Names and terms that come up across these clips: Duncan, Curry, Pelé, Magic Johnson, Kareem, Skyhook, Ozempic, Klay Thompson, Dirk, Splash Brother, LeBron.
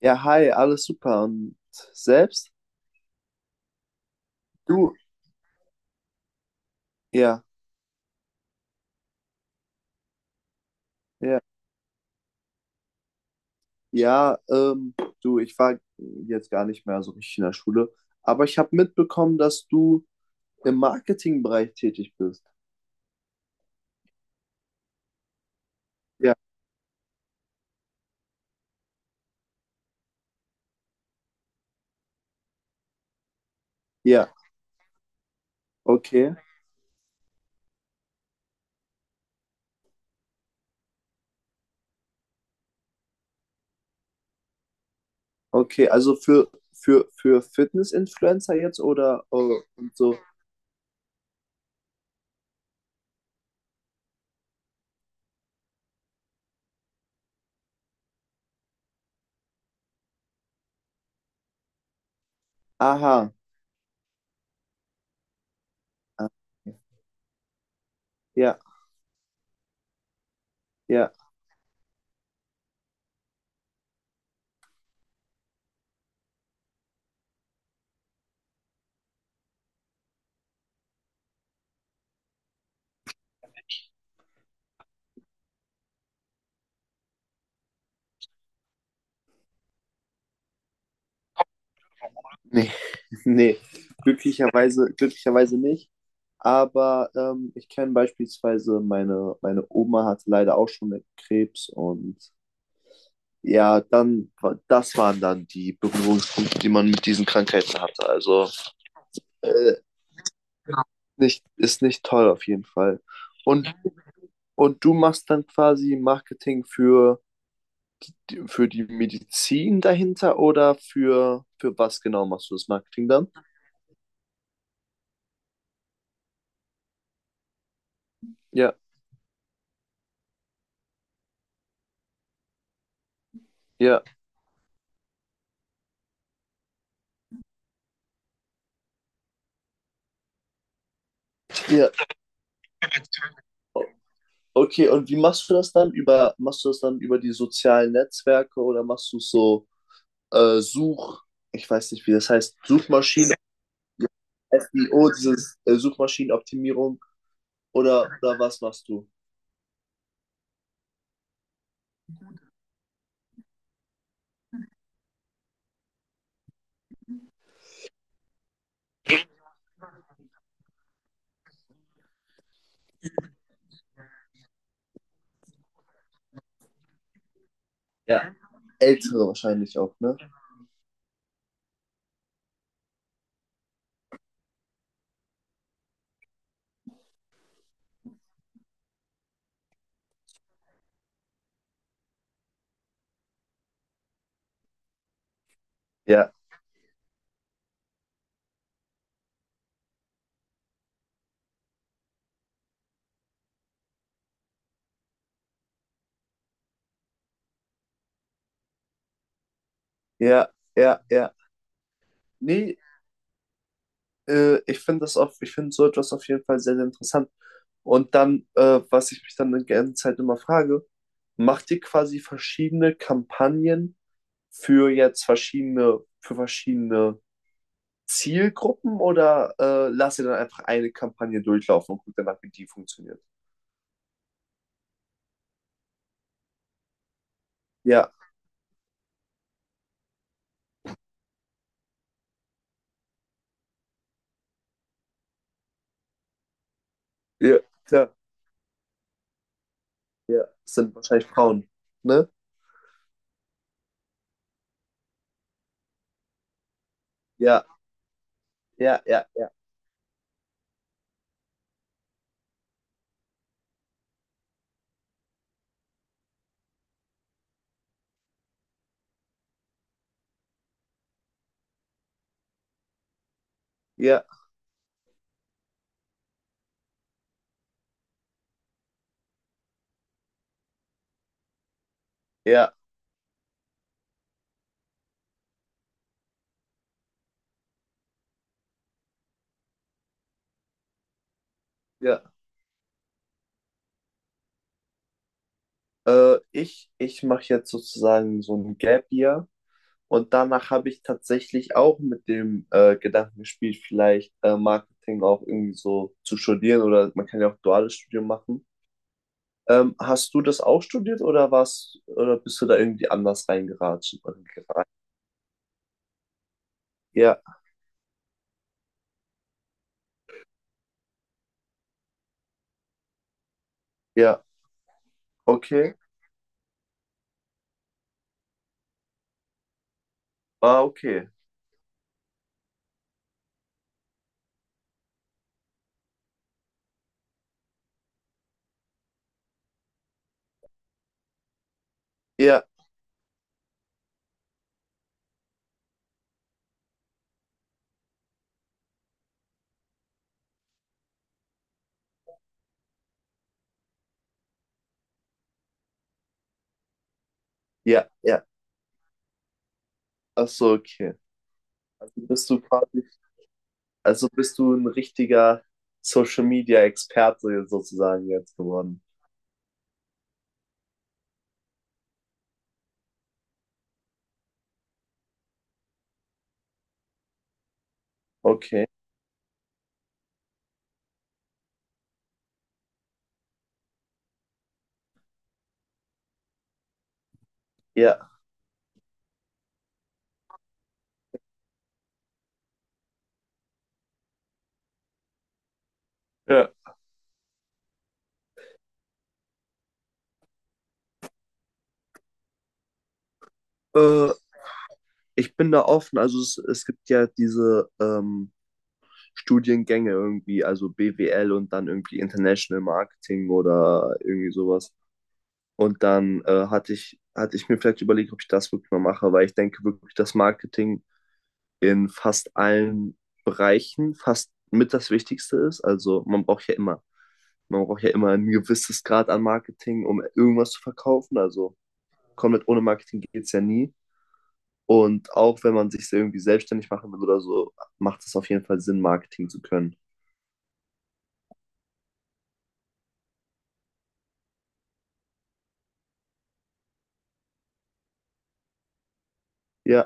Ja, hi, alles super. Und selbst? Du? Ja, ja. Ja, ähm, du, ich war jetzt gar nicht mehr so richtig in der Schule, aber ich habe mitbekommen, dass du im Marketingbereich tätig bist. Ja, ja, okay, okay. Also für Fitness-Influencer jetzt oder und so? Aha, ah, okay. Ja, ja. Nee, nee, glücklicherweise, glücklicherweise nicht. Aber ich kenne beispielsweise meine Oma hatte leider auch schon Krebs und ja, dann, das waren dann die Berührungspunkte, die man mit diesen Krankheiten hatte. Also äh, nicht, ist nicht toll auf jeden Fall. Und, und du machst dann quasi Marketing für, für die Medizin dahinter oder für was genau machst du das Marketing dann? Ja, ja, ja. Okay, und wie machst du das dann? Über, machst du das dann über die sozialen Netzwerke oder machst du es so Such, ich weiß nicht, wie das heißt, Suchmaschinen, SEO, dieses Suchmaschinenoptimierung oder was machst du? Ja. Ältere wahrscheinlich auch, ne? Ja, ja, ja, ja. Nee, ich finde das auf, ich finde so etwas auf jeden Fall sehr, sehr interessant. Und dann, was ich mich dann die ganze Zeit immer frage, macht ihr quasi verschiedene Kampagnen für jetzt verschiedene, für verschiedene Zielgruppen oder lasst ihr dann einfach eine Kampagne durchlaufen und guckt danach, wie die funktioniert? Ja, ja, ja, ja. Das sind wahrscheinlich Frauen, ne? Ja, ja, ja, ja, ja, ja, ja. Ich ich mache jetzt sozusagen so ein Gap Year und danach habe ich tatsächlich auch mit dem Gedanken gespielt, vielleicht Marketing auch irgendwie so zu studieren, oder man kann ja auch duales Studium machen. Hast du das auch studiert oder warst oder bist du da irgendwie anders reingeraten? Ja, ja, okay. Ah, okay. Ja, ja, ja. Ach so, okay. Also bist du quasi, also bist du ein richtiger Social Media Experte sozusagen jetzt geworden. Okay. Ja. Ja. Äh, Ich bin da offen. Also es gibt ja diese Studiengänge irgendwie, also BWL und dann irgendwie International Marketing oder irgendwie sowas. Und dann hatte ich mir vielleicht überlegt, ob ich das wirklich mal mache, weil ich denke wirklich, dass Marketing in fast allen Bereichen fast mit das Wichtigste ist. Also man braucht ja immer ein gewisses Grad an Marketing, um irgendwas zu verkaufen. Also komplett ohne Marketing geht es ja nie. Und auch wenn man sich irgendwie selbstständig machen will oder so, macht es auf jeden Fall Sinn, Marketing zu können. Ja,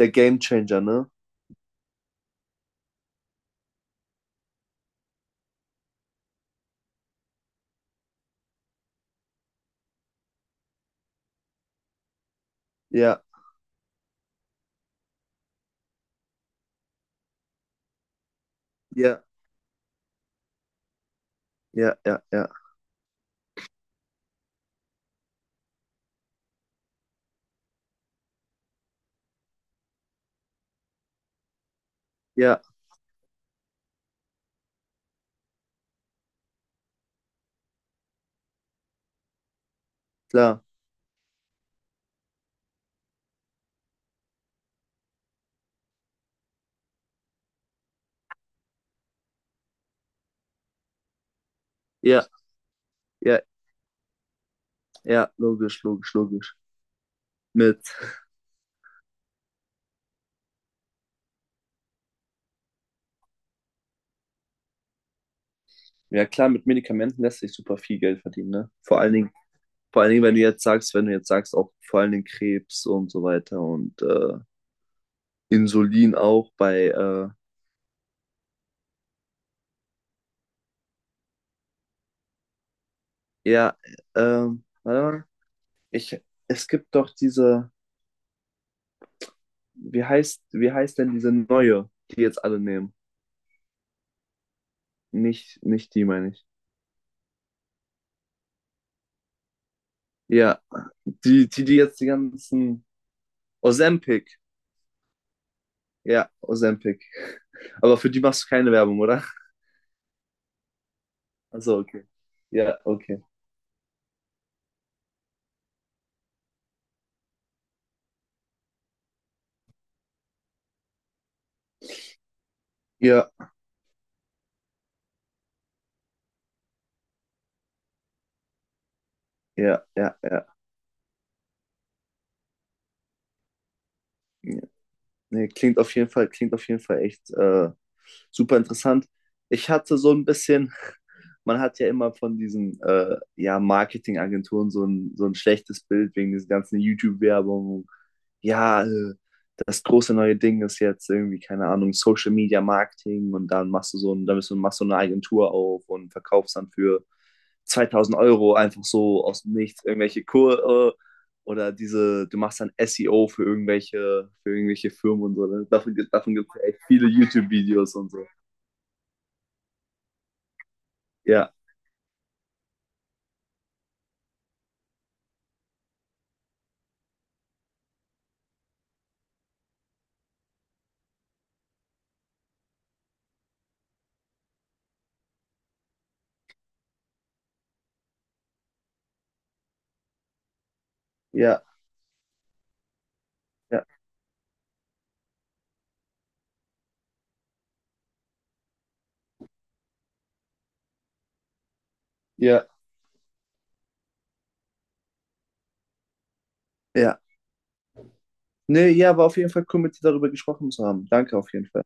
der Gamechanger, ne? Ja, ja, ja, ja, ja, ja, klar, ja, ja. Ja, logisch, logisch, logisch. Mit, ja klar, mit Medikamenten lässt sich super viel Geld verdienen, ne? Vor allen Dingen, wenn du jetzt sagst, auch vor allen Dingen Krebs und so weiter und Insulin auch bei, ja, warte mal. Ich, es gibt doch diese, wie heißt denn diese neue, die jetzt alle nehmen? Nicht, nicht die, meine ich. Ja, die jetzt die ganzen, Ozempic. Ja, Ozempic. Aber für die machst du keine Werbung, oder? Also, okay. Ja, okay. Ja, ja, ja, ja. Ja. Nee, klingt auf jeden Fall echt super interessant. Ich hatte so ein bisschen. Man hat ja immer von diesen ja, Marketingagenturen so ein schlechtes Bild wegen dieser ganzen YouTube-Werbung. Ja, das große neue Ding ist jetzt irgendwie, keine Ahnung, Social Media Marketing, und dann machst du so ein, dann bist du, machst du eine Agentur auf und verkaufst dann für 2000€ einfach so aus dem Nichts irgendwelche Kurse oder diese, du machst dann SEO für für irgendwelche Firmen und so. Ne? Davon, davon gibt es echt viele YouTube-Videos und so. Ja, ja, ja, ja, ja. Nee, ja, war auf jeden Fall cool, mit dir darüber gesprochen zu haben. Danke auf jeden Fall.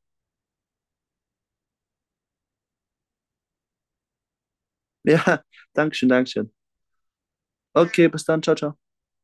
Ja, Dankeschön, Dankeschön. Okay, bis dann, ciao, ciao.